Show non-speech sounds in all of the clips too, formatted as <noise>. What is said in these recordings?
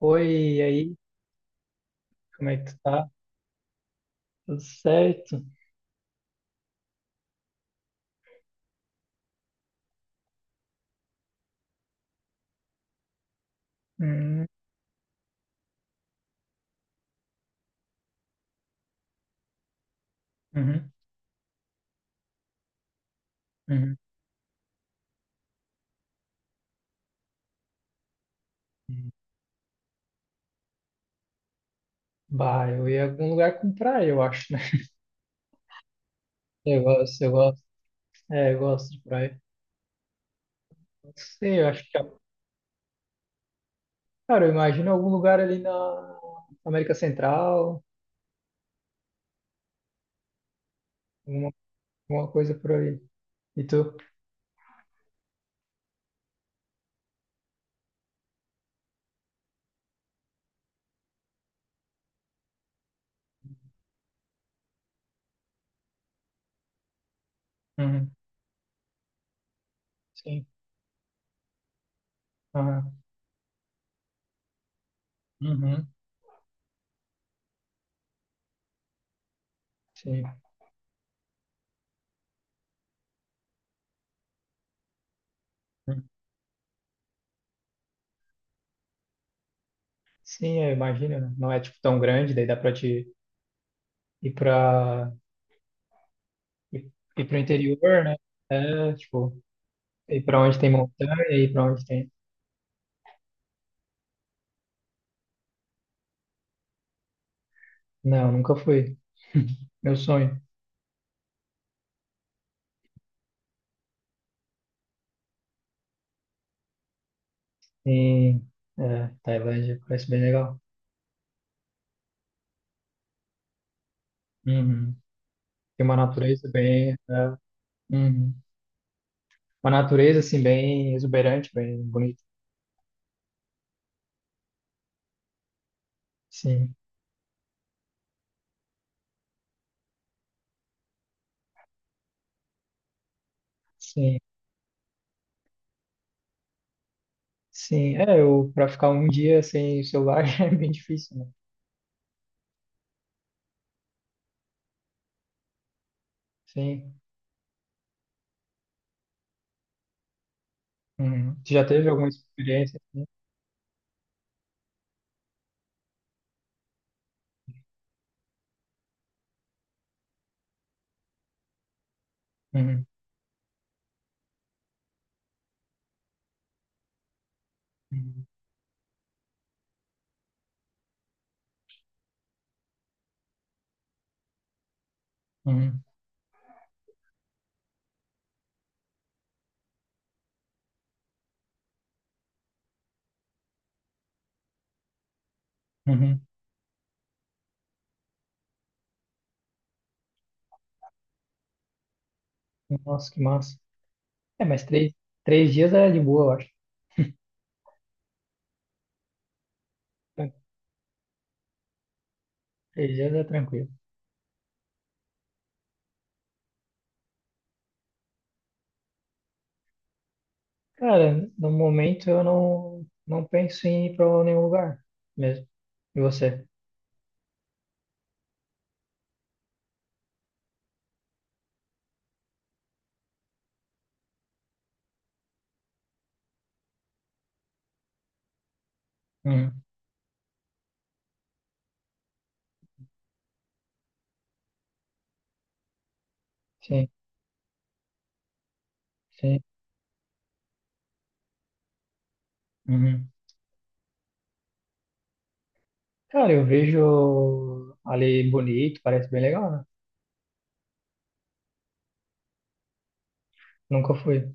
Oi, e aí? Como é que tu tá? Tudo certo? Hum, uhum, uhum. Bah, eu ia em algum lugar com praia, eu acho, né? <laughs> Eu gosto. É, eu gosto de praia. Não sei, eu acho que... Cara, eu imagino algum lugar ali na América Central, alguma, alguma coisa por aí. E tu? Uhum, sim. Aham. Uhum, sim. Uhum. Sim, eu imagino, né? Não é, tipo, tão grande, daí dá pra te ir pra... ir, ir pro interior, né? É, tipo... E pra onde tem montanha e pra onde tem. Não, nunca fui. <laughs> Meu sonho. E, Tailândia parece bem legal. Uhum. Tem uma natureza bem. uhum. Uma natureza assim, bem exuberante, bem bonita. Sim, sim, sim. É, eu, pra ficar um dia sem o celular <laughs> é bem difícil, né? Sim. Uhum. Tu já teve alguma experiência, assim? Uhum. Uhum. Uhum. Uhum. Nossa, que massa. É, mas três dias é de boa, eu acho. Três dias é tranquilo. Cara, no momento eu não penso em ir para nenhum lugar mesmo. E você? Uhum. Sim, sim. Uhum. Cara, eu vejo ali bonito, parece bem legal, né? Nunca fui.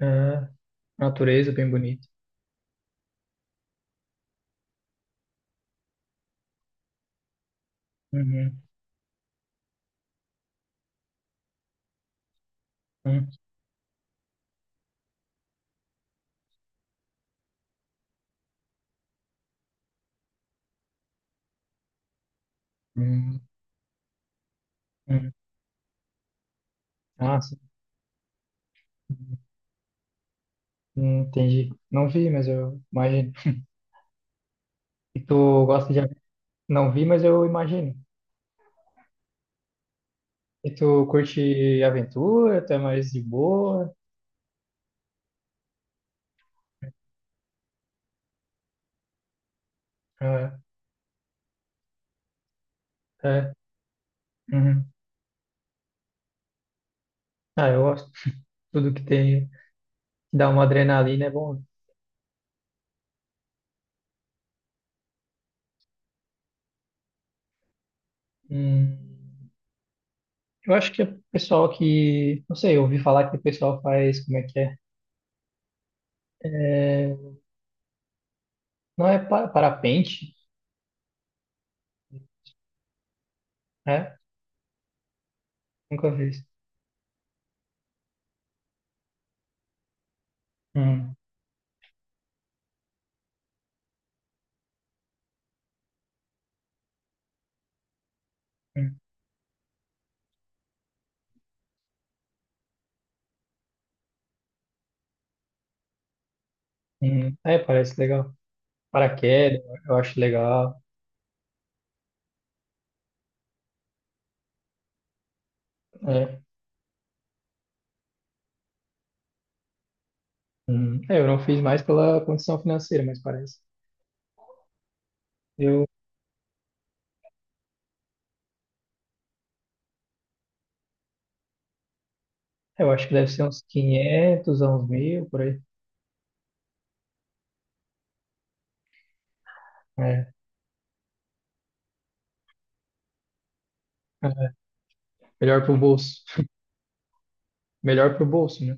Ah, natureza bem bonita. Uhum. Uhum. Uhum. Uhum. Ah, sim. Uhum. Entendi. Não vi, mas eu imagino. E tu gosta de... ave- Não vi, mas eu imagino. E tu curte aventura? Tu é mais de boa? É, é. Uhum. Ah, eu gosto. <laughs> Tudo que dá uma adrenalina é bom. Hum, eu acho que o pessoal que, não sei, eu ouvi falar que o pessoal faz, como é que é? É, não é parapente, né? Nunca fiz. Hum, hum, É, parece legal. Paraquedas, eu acho legal. É. É, eu não fiz mais pela condição financeira, mas parece. Eu, eu acho que deve ser uns 500, a uns 1.000, por aí. É. é. Melhor pro bolso. <laughs> Melhor pro bolso, né?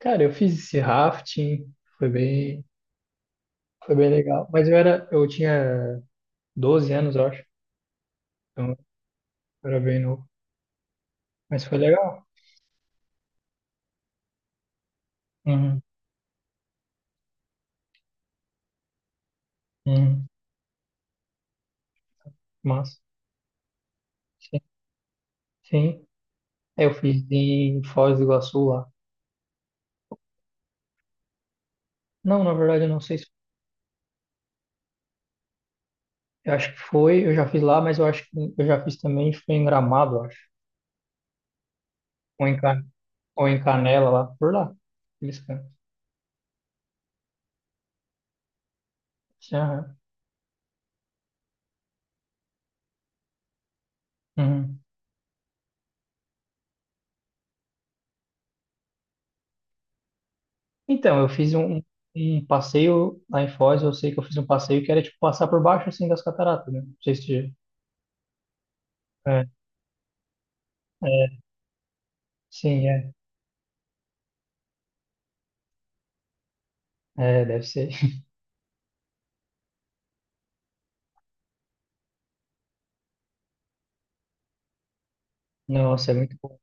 Cara, eu fiz esse rafting, foi bem, foi bem legal. Mas eu tinha 12 anos, eu acho. Então eu era bem novo. Mas foi legal. Uhum, uhum, massa. Sim, sim. Aí eu fiz em Foz do Iguaçu lá. Não, na verdade, eu não sei se. Eu acho que foi, eu já fiz lá, mas eu acho que eu já fiz também, foi em Gramado, eu acho. Ou em, Can, ou em Canela lá, por lá. Eles cantam. Aham, uhum. Então, eu fiz um passeio lá em Foz, eu sei que eu fiz um passeio que era tipo passar por baixo assim das cataratas, né? Não sei se. É, é, sim. É, deve ser. <laughs> Nossa, é muito bom.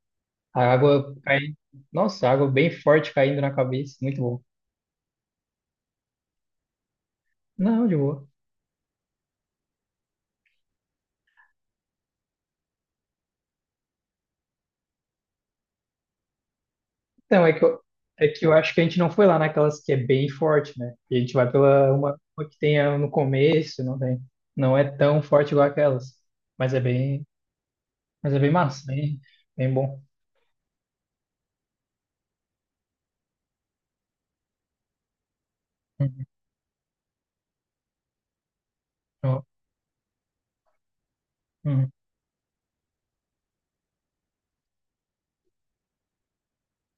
A água caindo. Nossa, a água bem forte caindo na cabeça, muito bom. Não, de boa. Então, é que eu acho que a gente não foi lá naquelas que é bem forte, né? A gente vai pela uma que tem no começo, não tem. Não é tão forte igual aquelas. Mas é bem, mas é bem massa, bem, bem bom. Uhum. Uhum.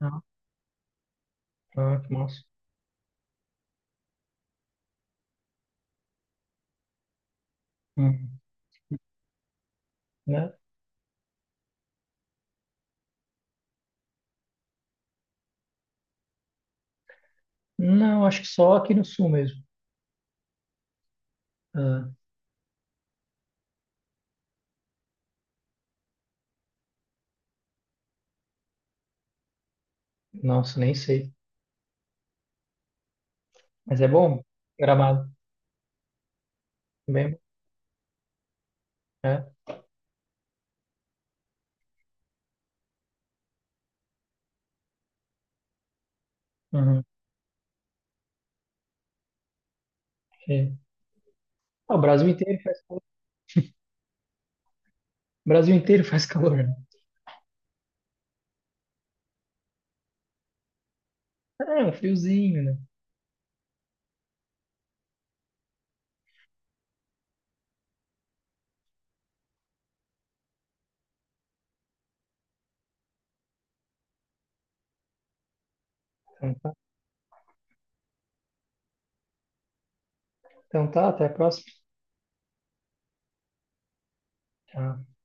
Uhum. Ah, que massa. Uhum. Né? Não, acho que só aqui no sul mesmo. Ah, nossa, nem sei. Mas é bom. Gramado também, né? Uhum. É. Ah, o Brasil inteiro faz calor. O Brasil inteiro <laughs> faz calor, né? É, um friozinho, né? Então tá, então tá, até a próxima. Tchau.